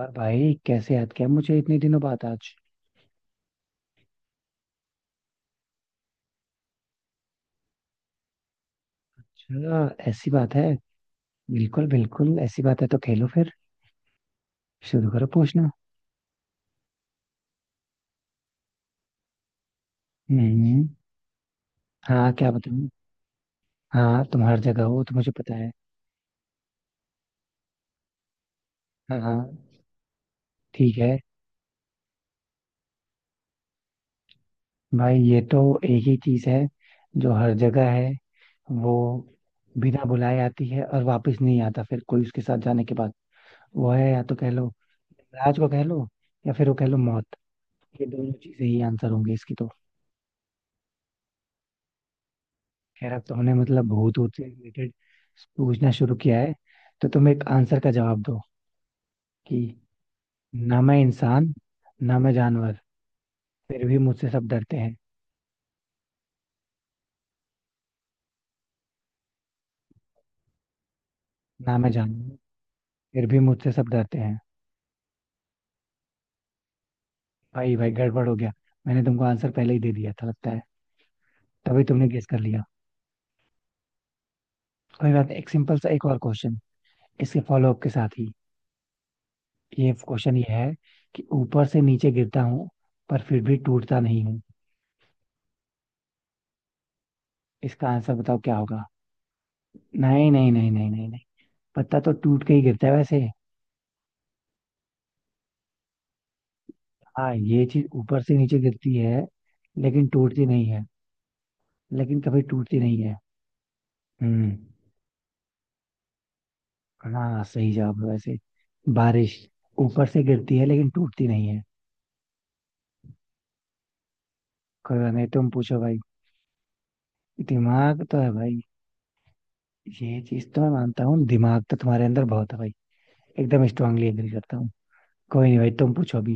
और भाई कैसे याद किया मुझे इतने दिनों बाद आज। अच्छा ऐसी बात है। बिल्कुल बिल्कुल ऐसी बात है तो खेलो फिर। शुरू करो पूछना। हम्म। हाँ क्या बताऊँ। हाँ तुम हर जगह हो तो मुझे पता है। हाँ हाँ। ठीक है। भाई ये तो एक ही चीज है जो हर जगह है। वो बिना बुलाए आती है और वापस नहीं आता फिर कोई उसके साथ जाने के बाद। वो है या तो कह लो राज को कह लो या फिर वो कह लो मौत। ये दोनों चीजें ही आंसर होंगे इसकी तो। खैर अब तो हमने मतलब भूत भूत से रिलेटेड पूछना शुरू किया है। तो तुम एक आंसर का जवाब दो कि ना मैं इंसान ना मैं जानवर फिर भी मुझसे सब डरते हैं। ना मैं जानवर फिर भी मुझसे सब डरते हैं। भाई भाई गड़बड़ हो गया। मैंने तुमको आंसर पहले ही दे दिया था लगता है। तभी तुमने गेस कर लिया। कोई बात नहीं एक सिंपल सा एक और क्वेश्चन इसके फॉलोअप के साथ ही। ये क्वेश्चन ये है कि ऊपर से नीचे गिरता हूँ पर फिर भी टूटता नहीं हूँ। इसका आंसर बताओ क्या होगा। नहीं नहीं नहीं नहीं नहीं नहीं। पत्ता तो टूट के ही गिरता है वैसे। हाँ ये चीज ऊपर से नीचे गिरती है लेकिन टूटती नहीं है। लेकिन कभी टूटती नहीं है। हम्म। हाँ सही जवाब है वैसे। बारिश ऊपर से गिरती है लेकिन टूटती नहीं है। कोई बात नहीं तुम पूछो भाई। दिमाग तो है भाई। ये चीज तो मैं मानता हूँ दिमाग तो तुम्हारे अंदर बहुत है भाई। एकदम स्ट्रांगली एग्री करता हूँ। कोई नहीं भाई तुम पूछो अभी।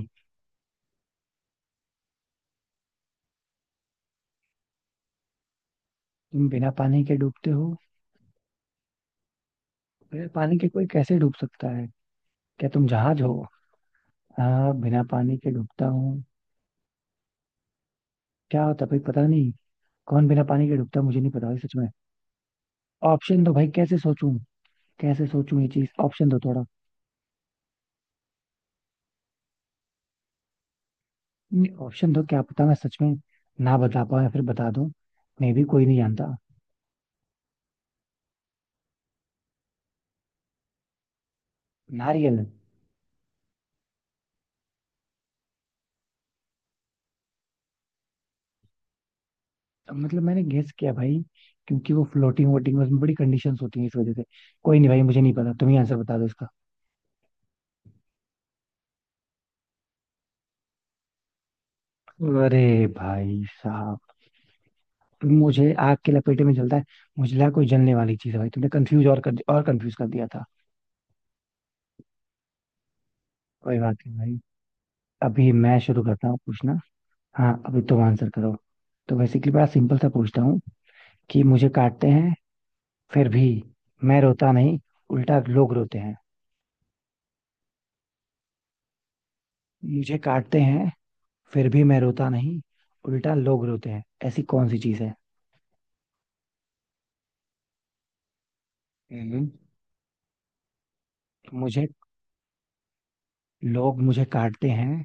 तुम बिना पानी के डूबते हो। बिना पानी के कोई कैसे डूब सकता है। क्या तुम जहाज हो। हाँ बिना पानी के डूबता हूँ। क्या होता भाई पता नहीं। कौन बिना पानी के डूबता मुझे नहीं पता भाई सच में। ऑप्शन दो भाई कैसे सोचूं। कैसे सोचूं ये चीज ऑप्शन दो थोड़ा। नहीं ऑप्शन दो क्या पता मैं सच में ना बता पाऊं या फिर बता दूं। मे भी कोई नहीं जानता। नारियल। मतलब मैंने गेस किया भाई क्योंकि वो फ्लोटिंग वोटिंग उसमें बड़ी कंडीशंस होती हैं इस वजह से। कोई नहीं भाई मुझे नहीं पता तुम ही आंसर बता दो इसका। अरे भाई साहब। मुझे आग के लपेटे में जलता है। मुझे लगा कोई जलने वाली चीज है भाई तुमने कंफ्यूज और कंफ्यूज कर दिया था। कोई बात नहीं भाई। अभी मैं शुरू करता हूँ पूछना। हाँ अभी तुम आंसर करो। तो बेसिकली बड़ा सिंपल सा पूछता हूँ कि मुझे काटते हैं फिर भी मैं रोता नहीं उल्टा लोग रोते हैं। मुझे काटते हैं फिर भी मैं रोता नहीं उल्टा लोग रोते हैं ऐसी कौन सी चीज़ है। हम्म। मुझे लोग मुझे काटते हैं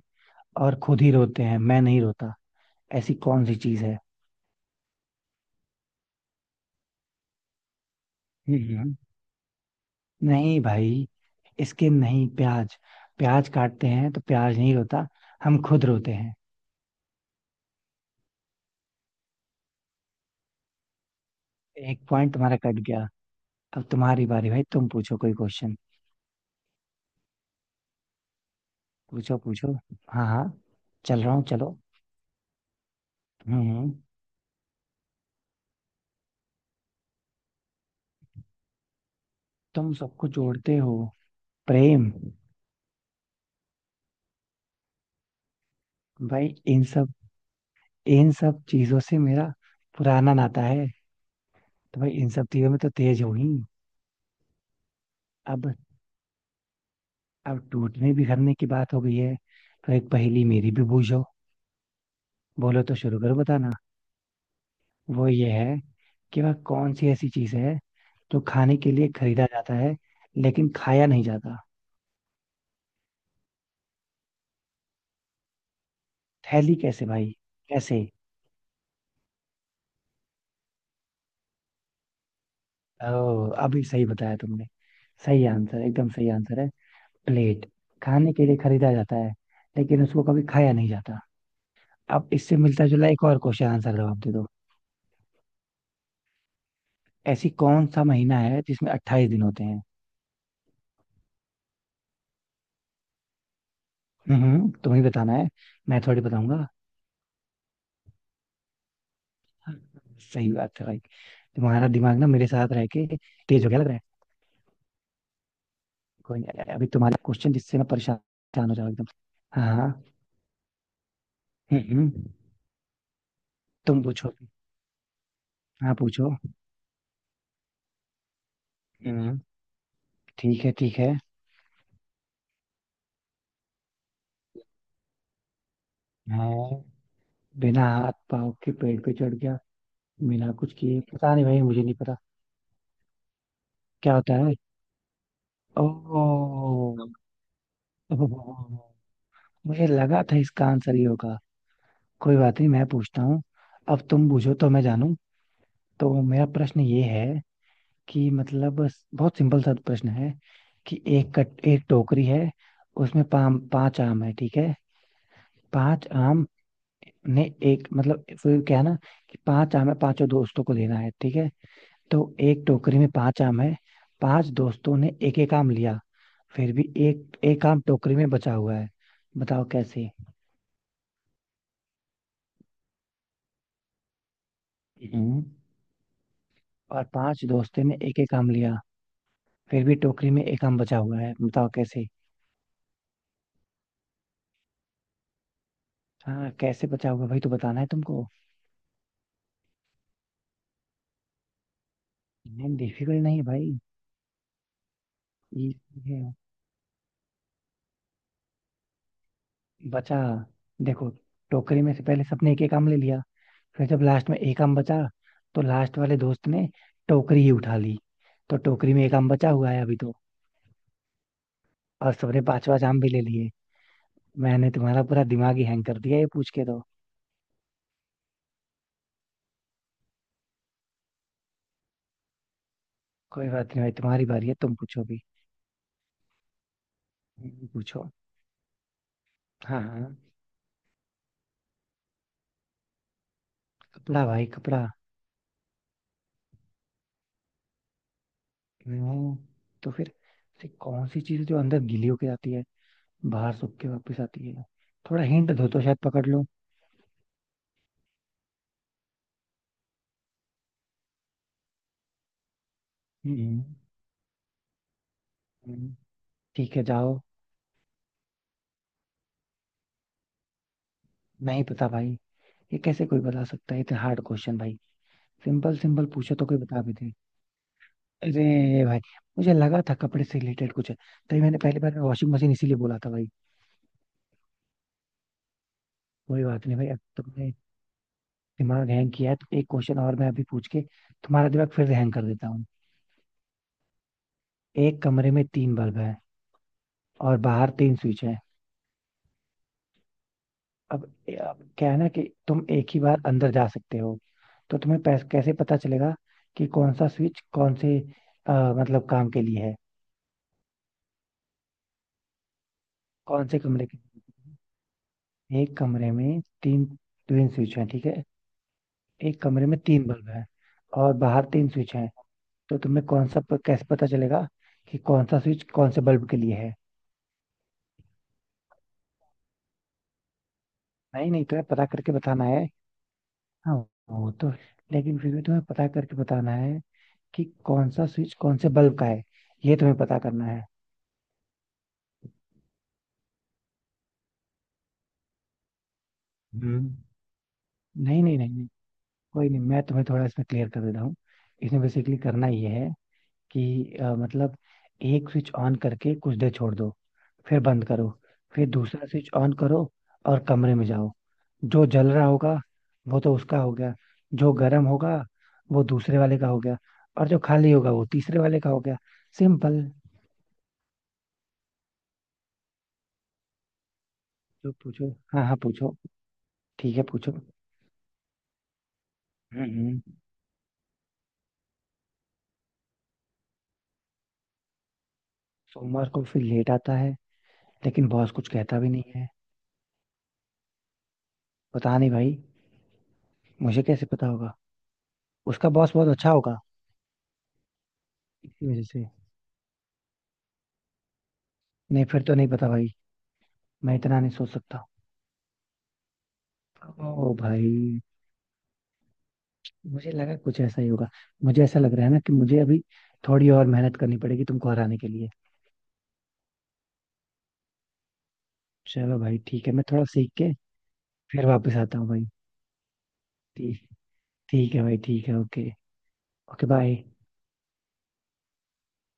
और खुद ही रोते हैं मैं नहीं रोता। ऐसी कौन सी चीज़ है। हम्म। नहीं भाई। इसके नहीं प्याज। प्याज काटते हैं तो प्याज नहीं रोता हम खुद रोते हैं। एक पॉइंट तुम्हारा कट गया। अब तुम्हारी बारी भाई तुम पूछो कोई क्वेश्चन। पूछो पूछो। हाँ हाँ चल रहा हूँ चलो। हम्म हम्म। तुम सबको जोड़ते हो। प्रेम। भाई इन सब इन सब चीजों से मेरा पुराना नाता है। तो भाई इन सब चीजों में तो तेज हो ही। अब। अब टूटने बिखरने की बात हो गई है तो एक पहेली मेरी भी बूझो। बोलो तो शुरू करो बताना। वो ये है कि वह कौन सी ऐसी चीज है जो खाने के लिए खरीदा जाता है लेकिन खाया नहीं जाता। थैली कैसे भाई। कैसे। ओ अभी सही बताया तुमने। सही आंसर एकदम सही आंसर है। प्लेट। खाने के लिए खरीदा जाता है लेकिन उसको कभी खाया नहीं जाता। अब इससे मिलता जुला एक और क्वेश्चन आंसर जवाब दे दो। ऐसी कौन सा महीना है जिसमें 28 दिन होते हैं। तुम्हें बताना है मैं थोड़ी बताऊंगा। सही बात है भाई। तुम्हारा दिमाग ना मेरे साथ रह के तेज हो गया लग रहा है। कोई नहीं अभी तुम्हारा क्वेश्चन जिससे मैं परेशान हो जाऊँ एकदम। हाँ हाँ। हम्म, हम्म, तुम पूछो। हाँ पूछो। हम्म। ठीक है ठीक है। मैं बिना हाथ पाँव के पेड़ पे चढ़ गया बिना कुछ किए पता नहीं भाई मुझे नहीं पता। क्या होता है। ओ। मुझे लगा था इसका आंसर ये होगा। कोई बात नहीं मैं पूछता हूँ। अब तुम पूछो तो मैं जानूं। तो मेरा प्रश्न ये है कि मतलब बहुत सिंपल सा प्रश्न है। कि एक टोकरी है उसमें पाम पांच आम है ठीक है। पांच आम ने एक मतलब फिर क्या है ना कि पांच आम है पांचों दोस्तों को देना है ठीक है। तो एक टोकरी में पांच आम है। पांच दोस्तों ने एक एक आम लिया। फिर भी एक एक आम टोकरी में बचा हुआ है बताओ कैसे। हम्म। और पांच दोस्तों ने एक एक आम लिया। फिर भी टोकरी में एक आम बचा हुआ है बताओ कैसे। हाँ कैसे बचा हुआ भाई तो बताना है तुमको। नहीं डिफिकल्ट नहीं है भाई इजी है। बचा। देखो टोकरी में से पहले सबने एक एक आम ले लिया। फिर जब लास्ट में एक आम बचा तो लास्ट वाले दोस्त ने टोकरी ही उठा ली। तो टोकरी में एक आम बचा हुआ है अभी तो। और सबने पांचवा जाम भी ले लिए। मैंने तुम्हारा पूरा दिमाग ही हैंग कर दिया ये पूछ के तो। कोई बात नहीं भाई तुम्हारी बारी है तुम पूछो भी। पूछो। हाँ हाँ। कपड़ा भाई कपड़ा। हम्म, तो फिर ऐसी कौन सी चीज जो अंदर गीली होके जाती है बाहर सूख के वापस आती है। थोड़ा हिंट दो तो शायद पकड़ लूं। हम्म, हम्म, ठीक है जाओ। नहीं पता भाई। ये कैसे कोई बता सकता है इतना हार्ड क्वेश्चन भाई। सिंपल सिंपल पूछो तो कोई बता भी दे। अरे भाई मुझे लगा था कपड़े से रिलेटेड कुछ है। तभी मैंने पहली बार वॉशिंग मशीन इसीलिए बोला था भाई। कोई बात नहीं भाई अब तुमने दिमाग हैंग किया है तो एक क्वेश्चन और मैं अभी पूछ के तुम्हारा दिमाग फिर हैंग कर देता हूँ। एक कमरे में तीन बल्ब है और बाहर तीन स्विच है। अब, अब क्या है ना कि तुम एक ही बार अंदर जा सकते हो तो तुम्हें कैसे पता चलेगा कि कौन सा स्विच कौन से अ, मतलब काम के लिए है कौन से कमरे के लिए? है? एक कमरे में तीन तीन स्विच है ठीक है। एक कमरे में तीन बल्ब है और बाहर तीन स्विच हैं। तो तुम्हें कैसे पता चलेगा कि कौन सा स्विच कौन से बल्ब के लिए है। नहीं नहीं तुम्हें पता करके बताना है। हाँ वो तो लेकिन फिर भी तुम्हें पता करके बताना है कि कौन सा स्विच कौन से बल्ब का है ये तुम्हें पता करना है। हम्म। नहीं नहीं नहीं नहीं कोई नहीं मैं तुम्हें थोड़ा इसमें क्लियर कर देता हूँ। इसमें बेसिकली करना ये है कि मतलब एक स्विच ऑन करके कुछ देर छोड़ दो फिर बंद करो। फिर दूसरा स्विच ऑन करो और कमरे में जाओ। जो जल रहा होगा वो तो उसका हो गया। जो गर्म होगा वो दूसरे वाले का हो गया। और जो खाली होगा वो तीसरे वाले का हो गया। सिंपल। जो पूछो हाँ हाँ पूछो। ठीक है पूछो। हम्म हम्म। सोमवार को फिर लेट आता है लेकिन बॉस कुछ कहता भी नहीं है। पता नहीं भाई मुझे कैसे पता होगा। उसका बॉस बहुत अच्छा होगा इसी वजह से। नहीं फिर तो नहीं पता भाई मैं इतना नहीं सोच सकता। ओ भाई मुझे लगा कुछ ऐसा ही होगा। मुझे ऐसा लग रहा है ना कि मुझे अभी थोड़ी और मेहनत करनी पड़ेगी तुमको हराने के लिए। चलो भाई ठीक है मैं थोड़ा सीख के फिर वापस आता हूँ भाई। ठीक ठीक है भाई ठीक है ओके। Okay bye.